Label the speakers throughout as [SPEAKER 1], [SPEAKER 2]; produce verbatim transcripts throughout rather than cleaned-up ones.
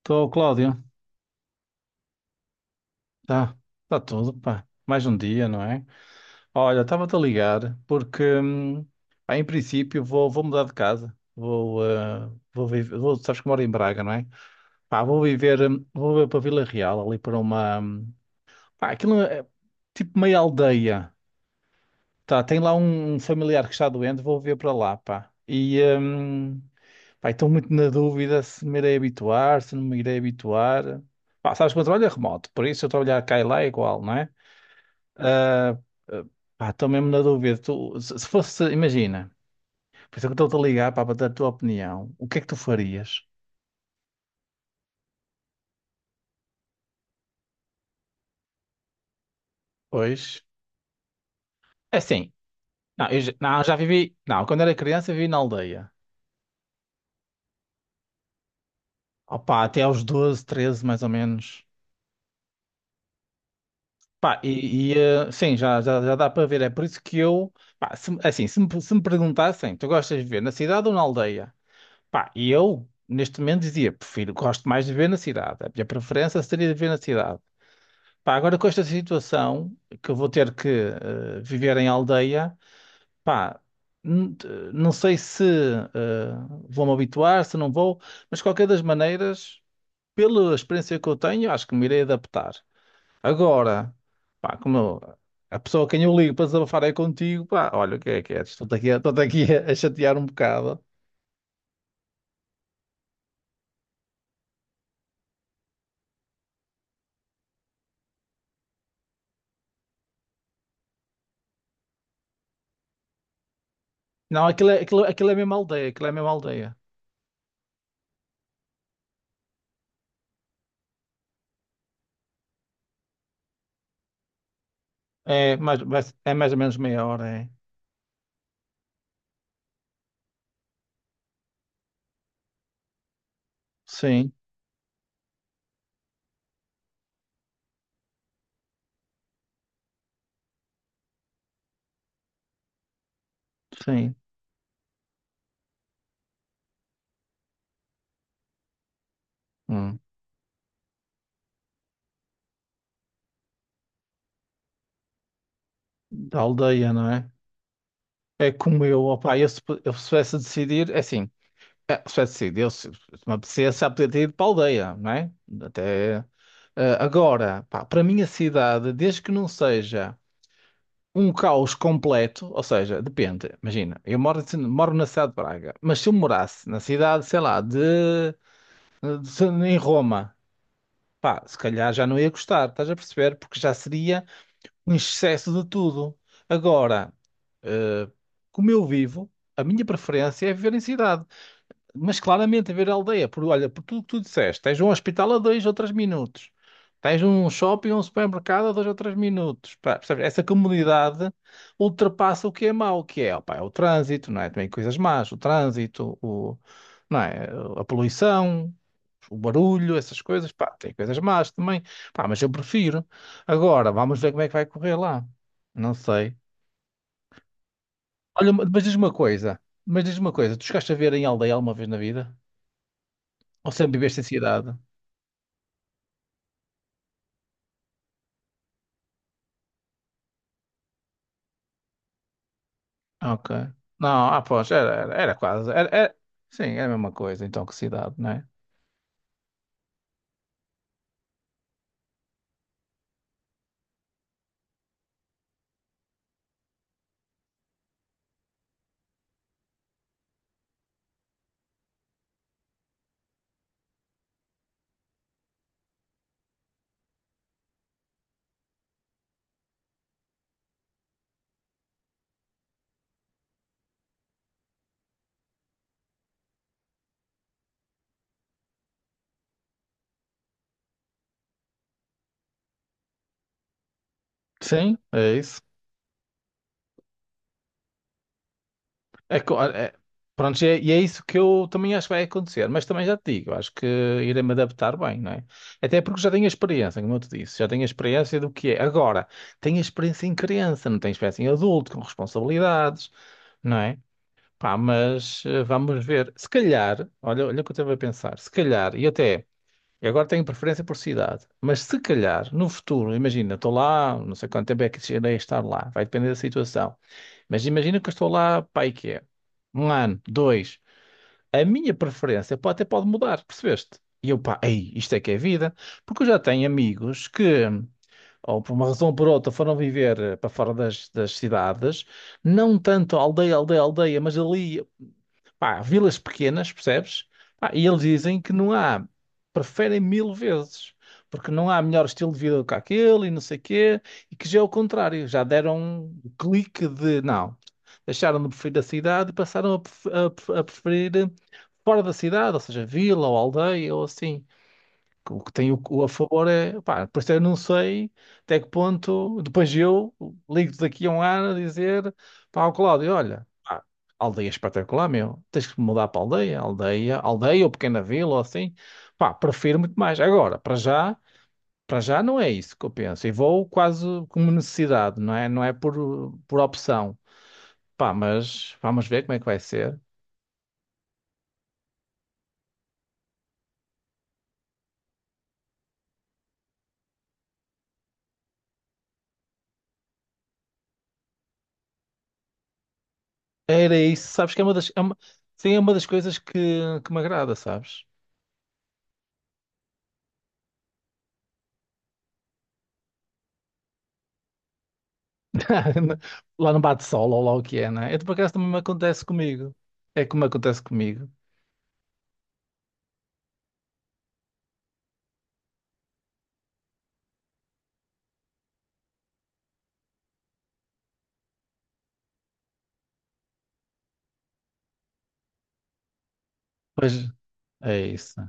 [SPEAKER 1] Estou, Cláudio. Tá, tá tudo, pá. Mais um dia, não é? Olha, estava-te a ligar porque, hum, pá, em princípio, vou, vou mudar de casa. Vou, eh, vou viver, vou, sabes que moro em Braga, não é? Pá, vou viver, hum, vou viver para Vila Real, ali para uma, hum, pá, aquilo é tipo meia aldeia. Tá, tem lá um, um familiar que está doente, vou viver para lá, pá. E, hum, pá, estou muito na dúvida se me irei habituar, se não me irei habituar. Pá, sabes que o meu trabalho é remoto, por isso eu trabalhar cá e lá é igual, não é? Ah, ah, pá, estou mesmo na dúvida. Tu, se se fosse, imagina, por isso é que eu estou a ligar pá, para bater a tua opinião. O que é que tu farias hoje? É assim, não, eu já, não, já vivi. Não, quando era criança vivi na aldeia. Opa, até aos doze, treze mais ou menos. Pá, e, e, ah, sim, já, já, já dá para ver. É por isso que eu, pá, se, assim, se me, se me perguntassem, tu gostas de viver na cidade ou na aldeia? Pá, e eu, neste momento, dizia, prefiro, gosto mais de viver na cidade. A minha preferência seria de viver na cidade. Pá, agora com esta situação, que eu vou ter que eh, viver em aldeia, pá, n- t- não sei se eh, vou-me habituar, se não vou, mas de qualquer das maneiras, pela experiência que eu tenho, acho que me irei adaptar. Agora, pá, como eu- a pessoa a quem eu ligo para desabafar é contigo, pá, olha o que é que é, estou-te aqui, a- estou-te aqui a, a chatear um bocado. Não, aquilo é, aquilo, aquilo é mesmo aldeia, aquilo é mesmo aldeia. É mais, vai- é mais ou menos meia hora, é. Sim, sim. Hum. Da aldeia, não é? É como eu, opá, eu se, pu- eu se pudesse decidir, é assim, é, se pudesse decidir, eu, se, se me apetecesse, já podia ter ido para a aldeia, não é? Até, eh, agora, pá, para a minha cidade, desde que não seja um caos completo, ou seja, depende, imagina, eu moro, assim- moro na cidade de Braga, mas se eu morasse na cidade, sei lá, de, de- se- em Roma, pá, se calhar já não ia gostar, estás a perceber? Porque já seria um excesso de tudo. Agora, Uh, como eu vivo, a minha preferência é viver em cidade, mas claramente viver em aldeia. Por olha, por tudo que tu disseste, tens um hospital a dois ou três minutos, tens um shopping ou um supermercado a dois ou três minutos, pá, percebes? Essa comunidade ultrapassa o que é mau, que é, opá, é o trânsito, não é? Também coisas más, o trânsito, o, não é? A poluição. O barulho, essas coisas, pá, tem coisas más também, pá, mas eu prefiro. Agora, vamos ver como é que vai correr lá. Não sei. Olha, mas diz-me uma coisa. Mas diz-me uma coisa. Tu chegaste a ver em aldeia alguma vez na vida? Ou sempre viveste em cidade? Ah, ok. Não, ah, pois, era, era, era quase. Era, era- sim, era a mesma coisa, então, que cidade, não é? Sim, é isso. É, co- é- pronto, e é, e é isso que eu também acho que vai acontecer. Mas também já te digo, acho que irei-me adaptar bem, não é? Até porque já tenho a experiência, como eu te disse. Já tenho a experiência do que é. Agora, tenho a experiência em criança, não tenho experiência em adulto, com responsabilidades, não é? Pá, mas eh, vamos ver. Se calhar, olha, olha o que eu estava a pensar. Se calhar, e até eu agora tenho preferência por cidade, mas se calhar no futuro, imagina, estou lá, não sei quanto tempo é que irei estar lá, vai depender da situação. Mas imagina que eu estou lá, pá, e que é um ano, dois. A minha preferência pode, até pode mudar, percebeste? E eu, pá, ei, isto é que é vida, porque eu já tenho amigos que, ou por uma razão ou por outra, foram viver eh, para fora das, das cidades. Não tanto aldeia, aldeia, aldeia, mas ali, pá, vilas pequenas, percebes? Pá, e eles dizem que não há, preferem mil vezes, porque não há melhor estilo de vida do que aquele e não sei quê, e que já é o contrário, já deram um clique de não, deixaram de preferir a cidade e passaram a, pref- a pref- a preferir fora da cidade, ou seja, vila ou aldeia ou assim. O que tem o, o a favor é, pá, por isso eu não sei até que ponto, depois eu ligo-te daqui a um ano a dizer, pá, ao Cláudio, olha, pá, aldeia é espetacular, meu, tens que mudar para aldeia, aldeia, aldeia ou pequena vila, ou assim, pá, prefiro muito mais. Agora, para já, para já não é isso que eu penso, e vou quase como necessidade, não é? Não é por, por opção, pá, mas vamos ver como é que vai ser. Era isso, sabes que é uma das, é uma, sim, é uma das coisas que, que me agrada, sabes? Lá não bate sol, ou lá o que é, né? Eu, por acaso, também me acontece comigo. É como acontece comigo. Pois é isso.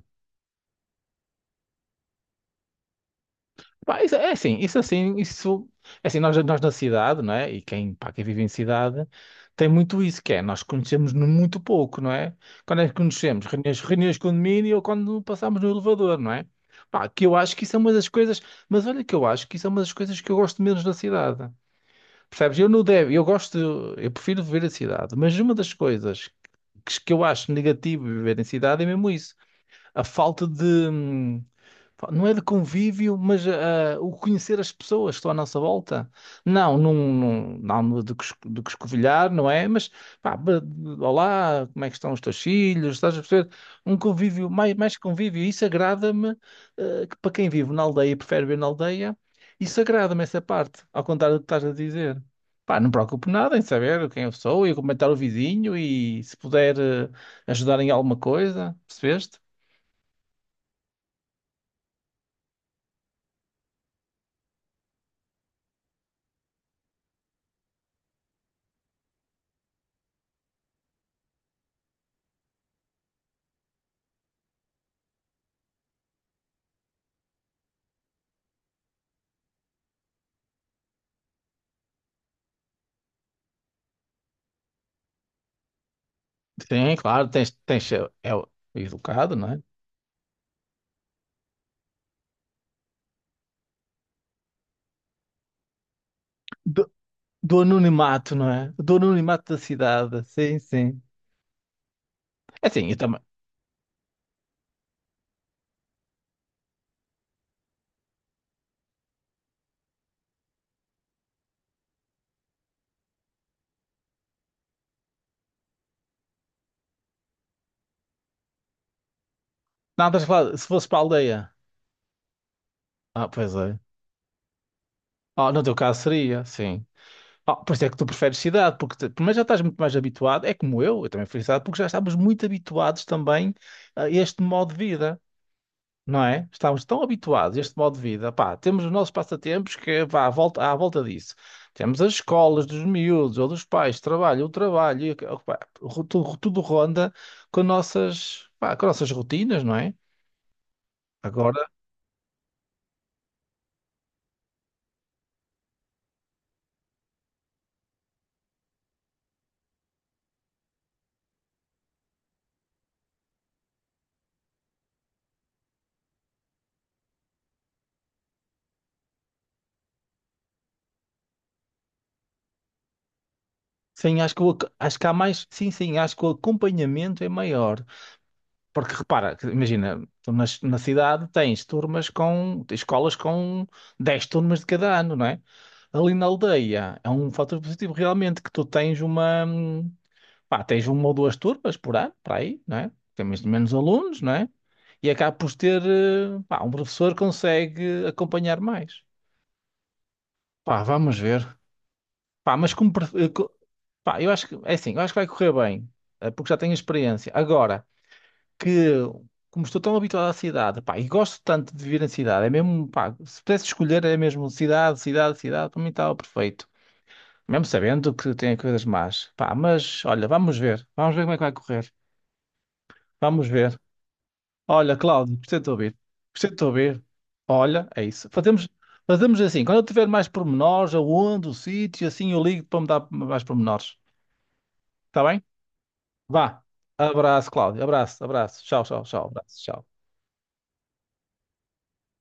[SPEAKER 1] Pá, isso é assim, isso é assim, isso... É assim, nós, nós na cidade, não é? E quem, pá, quem vive em cidade tem muito isso, que é, nós conhecemos muito pouco, não é? Quando é que conhecemos? Reuniões, reuniões de condomínio ou quando passamos no elevador, não é? Pá, que eu acho que isso é uma das coisas... Mas olha que eu acho que isso é uma das coisas que eu gosto menos na cidade. Percebes? Eu não devo, eu gosto, eu prefiro viver a cidade, mas uma das coisas que que eu acho negativo viver em cidade é mesmo isso. A falta de, hum, pá, não é de convívio, mas ah, o conhecer as pessoas que estão à nossa volta. Não, não, não, não no de, cus- de cuscovilhar, não é? Mas, pá, ba- olá, como é que estão os teus filhos? Estás a perceber? Um convívio, mais, mais convívio. Isso agrada-me, ah, que para quem vive na aldeia, e prefere viver na aldeia, isso agrada-me essa parte, ao contrário do que estás a dizer. Pá, não me preocupo nada em saber quem eu sou e comentar o vizinho e se puder ah, ajudar em alguma coisa, percebeste? Sim, claro, tens, tens, é, é educado, não é? Do, do anonimato, não é? Do anonimato da cidade, sim, sim. É assim, eu também. Não, estás a falar, se fosse para a aldeia. Ah, pois é. Ah, no teu caso seria, sim. Ah, por isso é que tu preferes cidade, porque te- primeiro já estás muito mais habituado, é como eu, eu também fui cidade, porque já estávamos muito habituados também a este modo de vida. Não é? Estamos tão habituados a este modo de vida. Pá, temos os nossos passatempos que vá à volta, à volta disso. Temos as escolas dos miúdos ou dos pais, trabalho, o trabalho, e, pá, ru- tudo, tudo ronda com nossas, pá, com nossas rotinas, não é? Agora, sim, acho que, o ac- acho que há mais. Sim, sim, acho que o acompanhamento é maior. Porque repara, que imagina, tu nas- na, cidade tens turmas com. Escolas com dez turmas de cada ano, não é? Ali na aldeia é um fator positivo realmente que tu tens uma. hum, Pá, tens uma ou duas turmas por ano, para aí, não é? Temos menos alunos, não é? E acaba por ter, eh, pá, um professor consegue acompanhar mais. Pá, vamos ver. Pá, mas como, pre- eh, co- pá, eu acho que, é assim, eu acho que vai correr bem, eh, porque já tenho experiência. Agora, que, como estou tão habituado à cidade, pá, e gosto tanto de viver na cidade, é mesmo, pá, se pudesse escolher, é mesmo cidade, cidade, cidade, para mim estava perfeito. Mesmo sabendo que tem coisas más. Pá, mas, olha, vamos ver. Vamos ver como é que vai correr. Vamos ver. Olha, Cláudio, gostei de te ouvir. Gostei de te ouvir. Olha, é isso. Fazemos, fazemos assim. Quando eu tiver mais pormenores, aonde, o sítio, assim, eu ligo para me dar mais pormenores. Está bem? Vá. Abraço, Cláudio. Abraço, abraço. Tchau, tchau, tchau. Abraço, tchau.